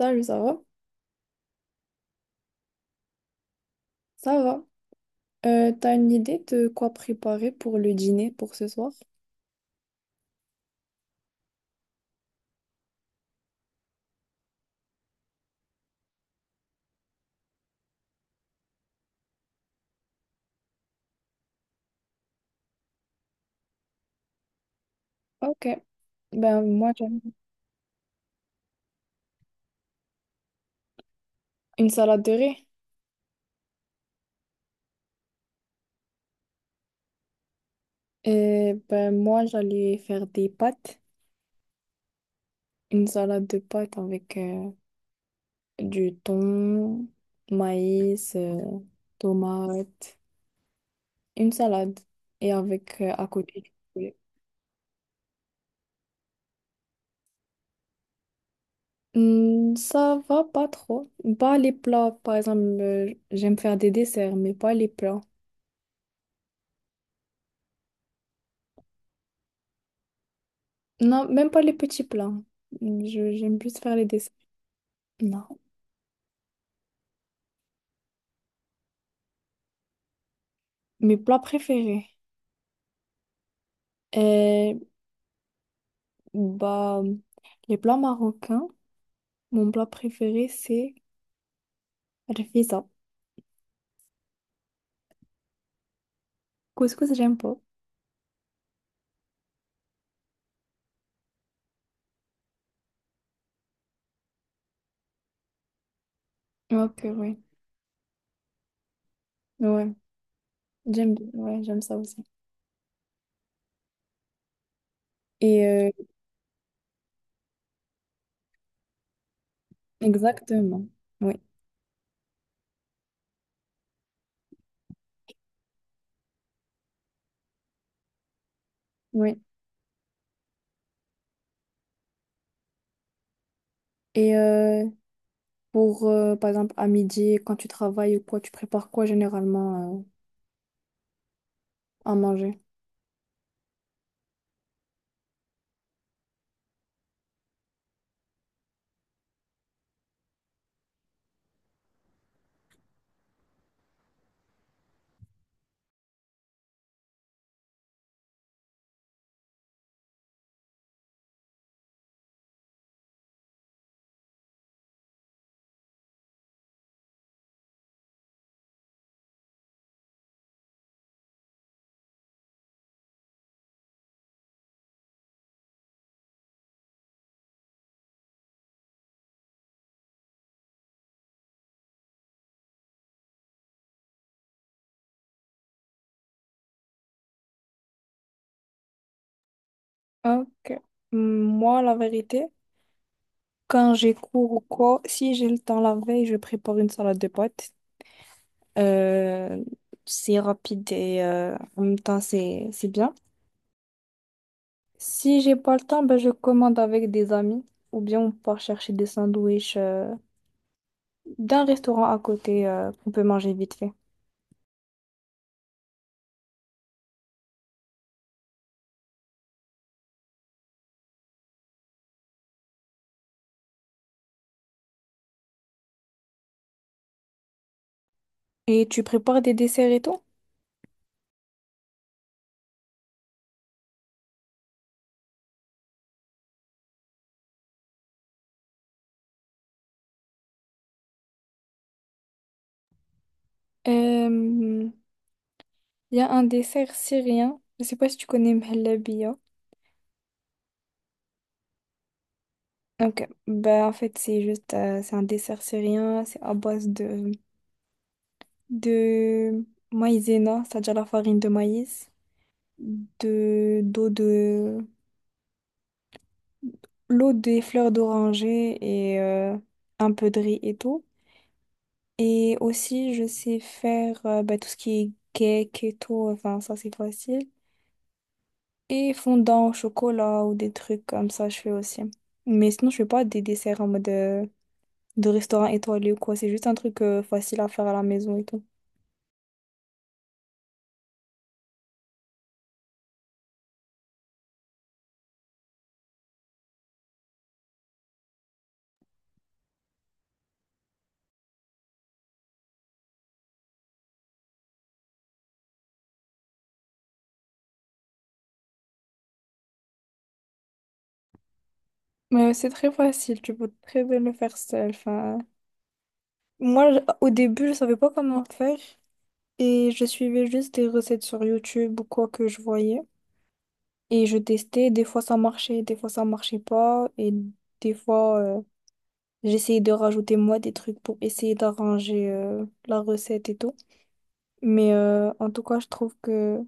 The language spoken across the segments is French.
Salut, ça va? Ça va. T'as une idée de quoi préparer pour le dîner pour ce soir? Ok. Ben moi j'aime une salade de riz. Et ben moi j'allais faire des pâtes. Une salade de pâtes avec du thon, maïs, tomates. Une salade. Et avec à côté du poulet. Hmm, ça va pas trop. Pas les plats, par exemple, j'aime faire des desserts, mais pas les plats. Non, même pas les petits plats. J'aime plus faire les desserts. Non. Mes plats préférés. Euh, bah, les plats marocains, mon plat préféré, c'est rfissa. Couscous, j'aime pas. Ok, oui. Ouais, j'aime, bien. Ouais, j'aime ça aussi. Et euh, exactement. Oui, oui. Et pour, par exemple, à midi, quand tu travailles ou quoi, tu prépares quoi généralement à manger? Ok. Moi, la vérité. Quand j'ai cours ou quoi, si j'ai le temps la veille, je prépare une salade de pâtes. Euh, c'est rapide et en même temps, c'est bien. Si j'ai pas le temps, ben, je commande avec des amis ou bien on part chercher des sandwichs d'un restaurant à côté qu'on peut manger vite fait. Et tu prépares des desserts et tout? Euh, Il y a un dessert syrien. Je sais pas si tu connais Mhellabia. Ok, bah en fait c'est juste c'est un dessert syrien, c'est à base de maïzena, c'est-à-dire la farine de maïs, de l'eau des fleurs d'oranger et un peu de riz et tout. Et aussi je sais faire tout ce qui est cake et tout, enfin ça c'est facile. Et fondant au chocolat ou des trucs comme ça je fais aussi. Mais sinon je fais pas des desserts en mode de restaurant étoilé ou quoi, c'est juste un truc facile à faire à la maison et tout. Mais ouais, c'est très facile, tu peux très bien le faire seul. Enfin, moi, au début, je savais pas comment faire et je suivais juste des recettes sur YouTube ou quoi que je voyais. Et je testais, des fois ça marchait, des fois ça marchait pas. Et des fois, j'essayais de rajouter moi des trucs pour essayer d'arranger la recette et tout. Mais en tout cas, je trouve que,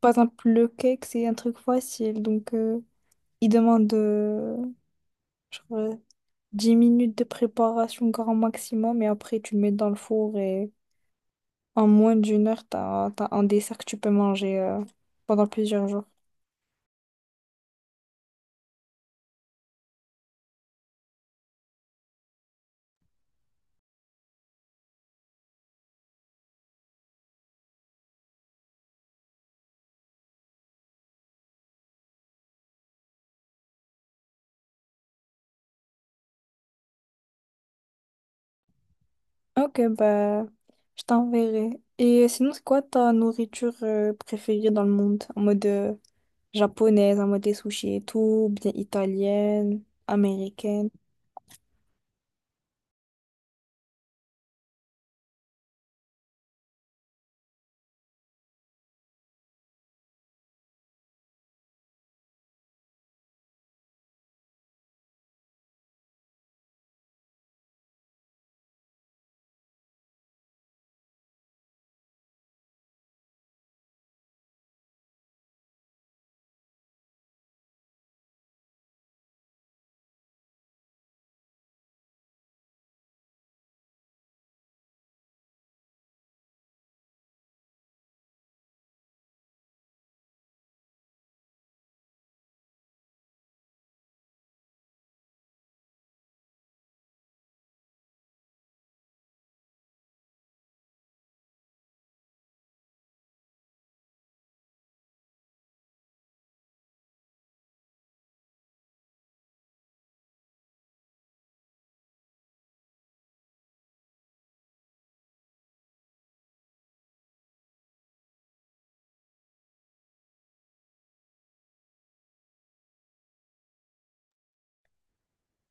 par exemple, le cake, c'est un truc facile. Donc, il demande, 10 minutes de préparation grand maximum et après tu le mets dans le four et en moins d'une heure, t'as un dessert que tu peux manger pendant plusieurs jours. Ok, bah je t'enverrai. Et sinon, c'est quoi ta nourriture préférée dans le monde? En mode japonaise, en mode des sushis et tout, ou bien italienne, américaine?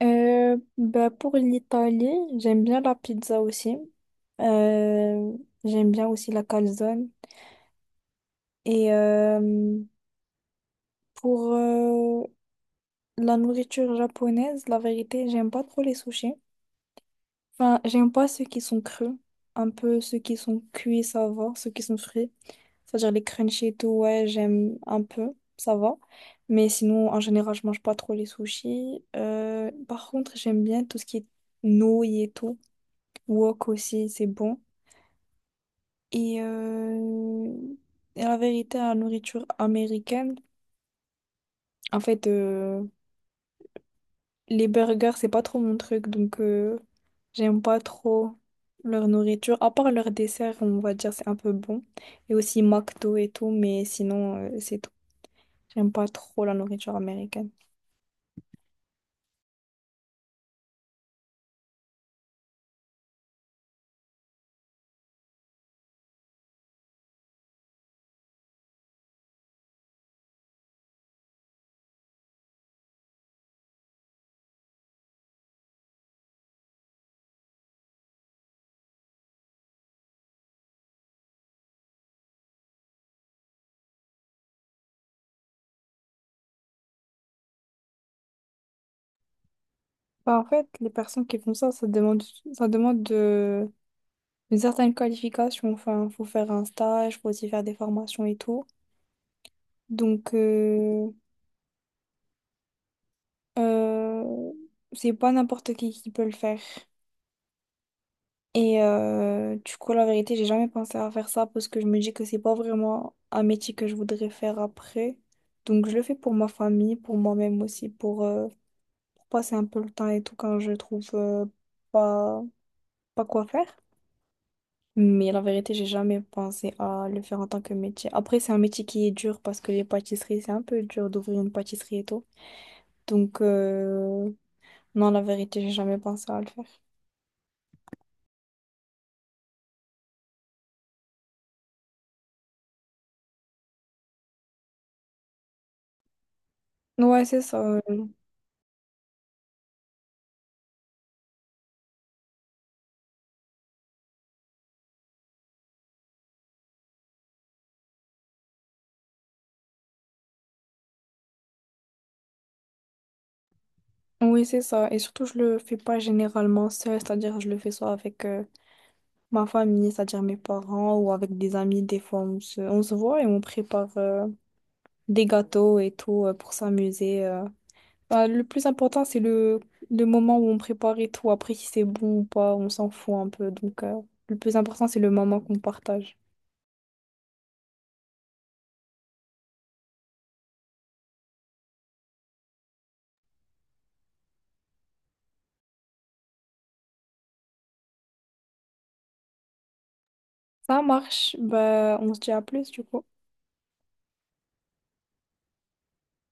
Bah pour l'Italie, j'aime bien la pizza aussi. Euh, j'aime bien aussi la calzone. Et euh, Pour la nourriture japonaise, la vérité, j'aime pas trop les sushis. Enfin, j'aime pas ceux qui sont creux. Un peu ceux qui sont cuits, ça va. Ceux qui sont frits. C'est-à-dire les crunchy et tout, ouais, j'aime un peu, ça va. Mais sinon, en général, je mange pas trop les sushis. Par contre, j'aime bien tout ce qui est nouilles et tout. Wok aussi, c'est bon. Et, euh, et la vérité, la nourriture américaine, en fait. Les burgers, c'est pas trop mon truc, donc j'aime pas trop leur nourriture. À part leur dessert, on va dire, c'est un peu bon. Et aussi McDo et tout, mais sinon, c'est tout. J'aime pas trop la nourriture américaine. Bah, en fait, les personnes qui font ça, ça demande de, une certaine qualification. Enfin, faut faire un stage, faut aussi faire des formations et tout. Donc, euh, c'est pas n'importe qui peut le faire. Et du coup, la vérité, j'ai jamais pensé à faire ça parce que je me dis que c'est pas vraiment un métier que je voudrais faire après. Donc, je le fais pour ma famille, pour moi-même aussi, pour passer un peu le temps et tout quand je trouve pas, pas quoi faire. Mais la vérité, j'ai jamais pensé à le faire en tant que métier. Après, c'est un métier qui est dur parce que les pâtisseries, c'est un peu dur d'ouvrir une pâtisserie et tout. Donc, non, la vérité, j'ai jamais pensé à le faire. Ouais, c'est ça. Oui, c'est ça. Et surtout, je le fais pas généralement seul, c'est-à-dire je le fais soit avec ma famille, c'est-à-dire mes parents, ou avec des amis. Des fois, on se voit et on prépare des gâteaux et tout pour s'amuser. Bah, le plus important, le moment où on prépare et tout. Après, si c'est bon ou pas, on s'en fout un peu. Donc, le plus important, c'est le moment qu'on partage. Ça marche. Bah, on se dit à plus, du coup.